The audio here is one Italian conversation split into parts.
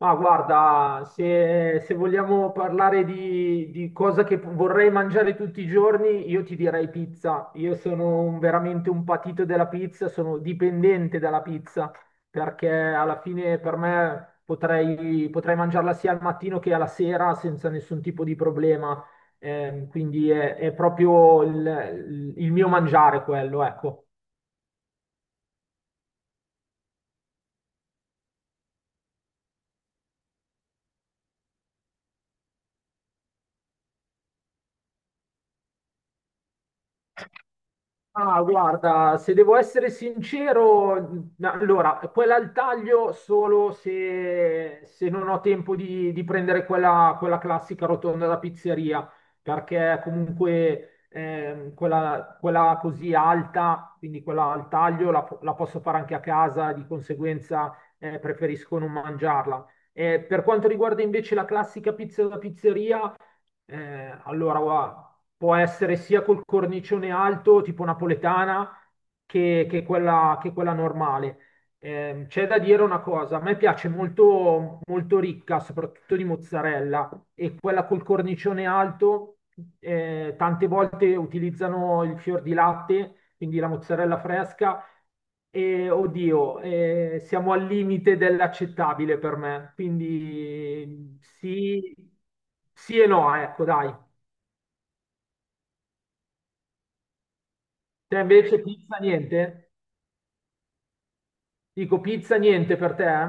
Ma guarda, se vogliamo parlare di cosa che vorrei mangiare tutti i giorni, io ti direi pizza. Io sono veramente un patito della pizza, sono dipendente dalla pizza, perché alla fine per me potrei mangiarla sia al mattino che alla sera senza nessun tipo di problema. Quindi è proprio il mio mangiare quello, ecco. Ah, guarda, se devo essere sincero, allora, quella al taglio solo se non ho tempo di prendere quella classica rotonda da pizzeria, perché comunque quella così alta, quindi quella al taglio, la posso fare anche a casa, di conseguenza preferisco non mangiarla. Per quanto riguarda invece la classica pizza da pizzeria, guarda, può essere sia col cornicione alto, tipo napoletana, che quella normale. C'è da dire una cosa: a me piace molto, molto ricca, soprattutto di mozzarella, e quella col cornicione alto, tante volte utilizzano il fior di latte, quindi la mozzarella fresca, e oddio, siamo al limite dell'accettabile per me, quindi sì, sì e no, ecco, dai. Te invece pizza niente? Dico pizza niente per te? Eh?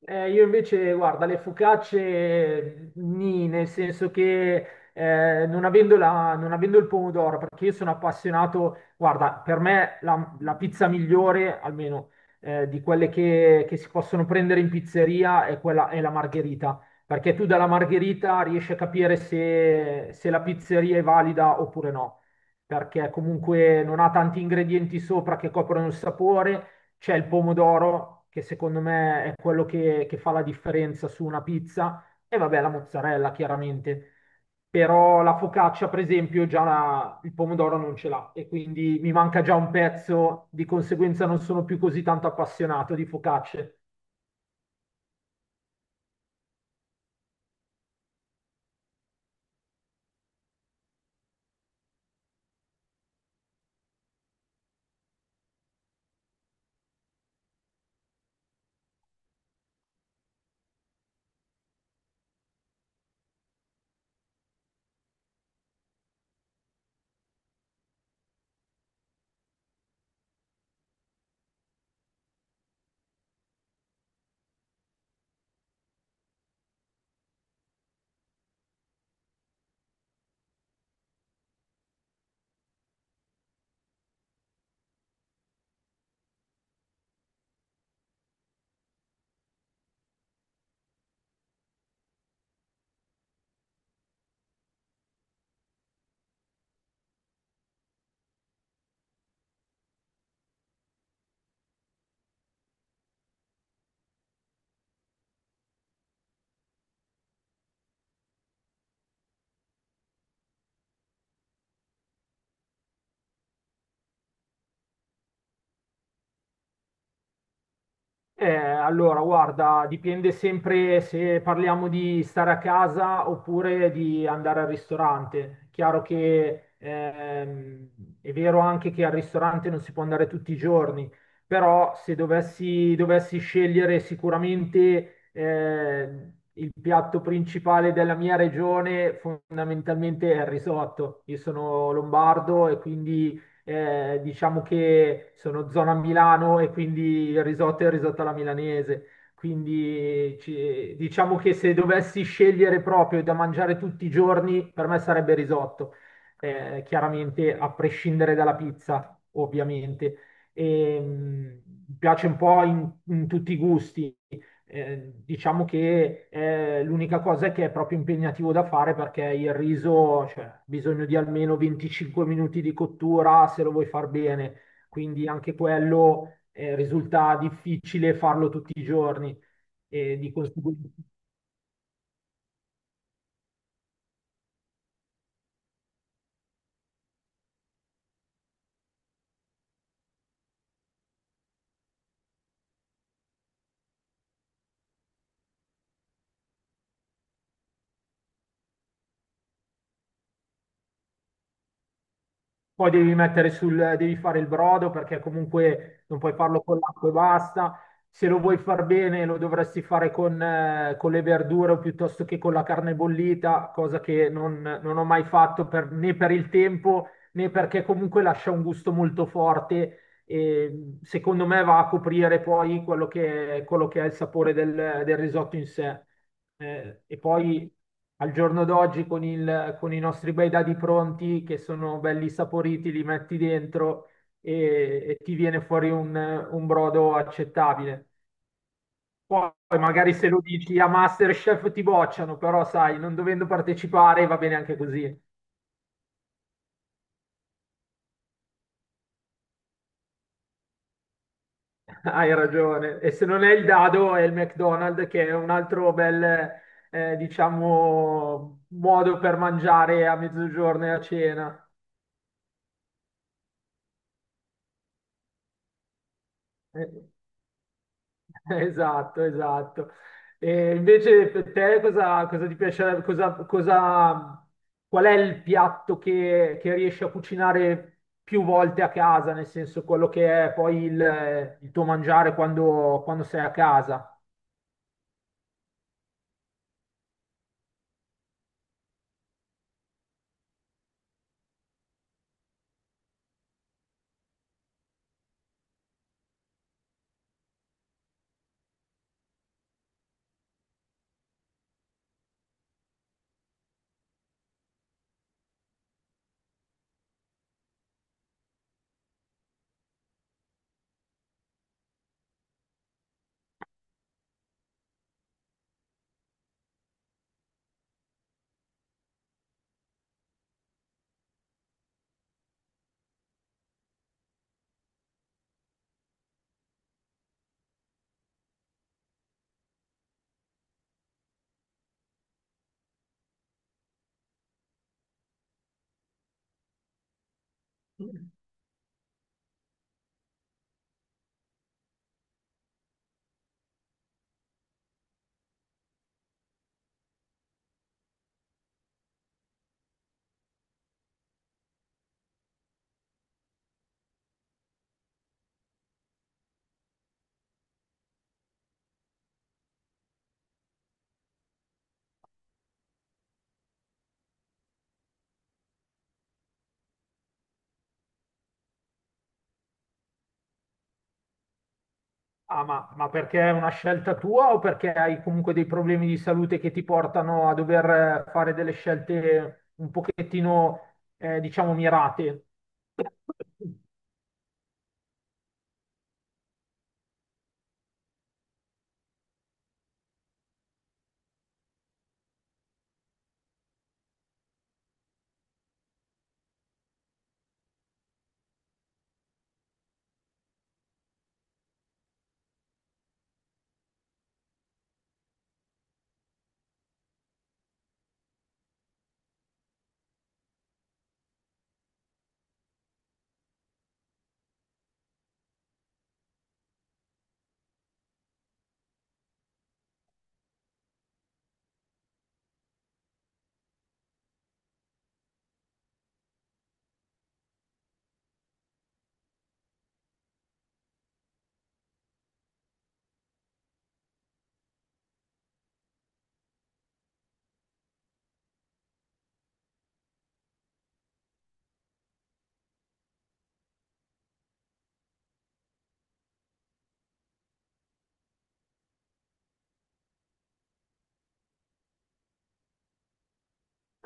Io invece, guarda, le focacce mm, nì, nel senso che non avendo il pomodoro, perché io sono appassionato, guarda, per me la pizza migliore, almeno di che si possono prendere in pizzeria, è è la margherita, perché tu dalla margherita riesci a capire se la pizzeria è valida oppure no, perché comunque non ha tanti ingredienti sopra che coprono il sapore. C'è il pomodoro, che secondo me è che fa la differenza su una pizza, e vabbè la mozzarella, chiaramente. Però la focaccia, per esempio, già il pomodoro non ce l'ha e quindi mi manca già un pezzo, di conseguenza non sono più così tanto appassionato di focacce. Allora, guarda, dipende sempre se parliamo di stare a casa oppure di andare al ristorante. Chiaro che è vero anche che al ristorante non si può andare tutti i giorni, però se dovessi scegliere sicuramente il piatto principale della mia regione, fondamentalmente è il risotto. Io sono lombardo e quindi diciamo che sono zona Milano e quindi il risotto è il risotto alla milanese. Quindi diciamo che se dovessi scegliere proprio da mangiare tutti i giorni, per me sarebbe risotto. Chiaramente a prescindere dalla pizza, ovviamente. E, mm, mi piace un po' in tutti i gusti. Diciamo che l'unica cosa è che è proprio impegnativo da fare perché il riso, cioè, ha bisogno di almeno 25 minuti di cottura se lo vuoi far bene, quindi anche quello risulta difficile farlo tutti i giorni e di conseguenza... Poi devi mettere sul, devi fare il brodo perché comunque non puoi farlo con l'acqua e basta. Se lo vuoi far bene lo dovresti fare con le verdure o piuttosto che con la carne bollita, cosa che non ho mai fatto né per il tempo né perché comunque lascia un gusto molto forte e secondo me va a coprire poi quello che è il sapore del risotto in sé. E poi al giorno d'oggi con i nostri bei dadi pronti che sono belli saporiti, li metti dentro e ti viene fuori un brodo accettabile. Poi magari se lo dici a MasterChef ti bocciano, però sai, non dovendo partecipare va bene anche così. Hai ragione. E se non è il dado, è il McDonald's, che è un altro bel, diciamo, modo per mangiare a mezzogiorno e a cena. Eh, esatto, esatto. E invece per te cosa ti piacerebbe, qual è il piatto che riesci a cucinare più volte a casa, nel senso quello che è poi il tuo mangiare quando, quando sei a casa? Ah, ma perché è una scelta tua o perché hai comunque dei problemi di salute che ti portano a dover fare delle scelte un pochettino, diciamo, mirate?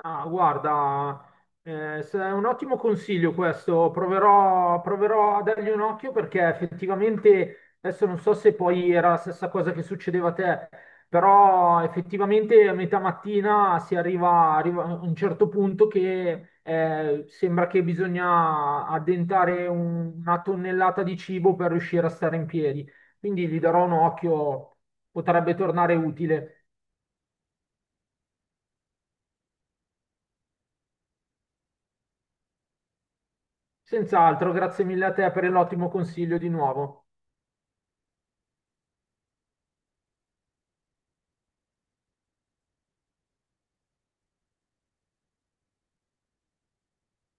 Ah, guarda, se è un ottimo consiglio questo, proverò a dargli un occhio perché effettivamente, adesso non so se poi era la stessa cosa che succedeva a te, però effettivamente a metà mattina si arriva, arriva a un certo punto che sembra che bisogna addentare una tonnellata di cibo per riuscire a stare in piedi, quindi gli darò un occhio, potrebbe tornare utile. Senz'altro, grazie mille a te per l'ottimo consiglio di nuovo.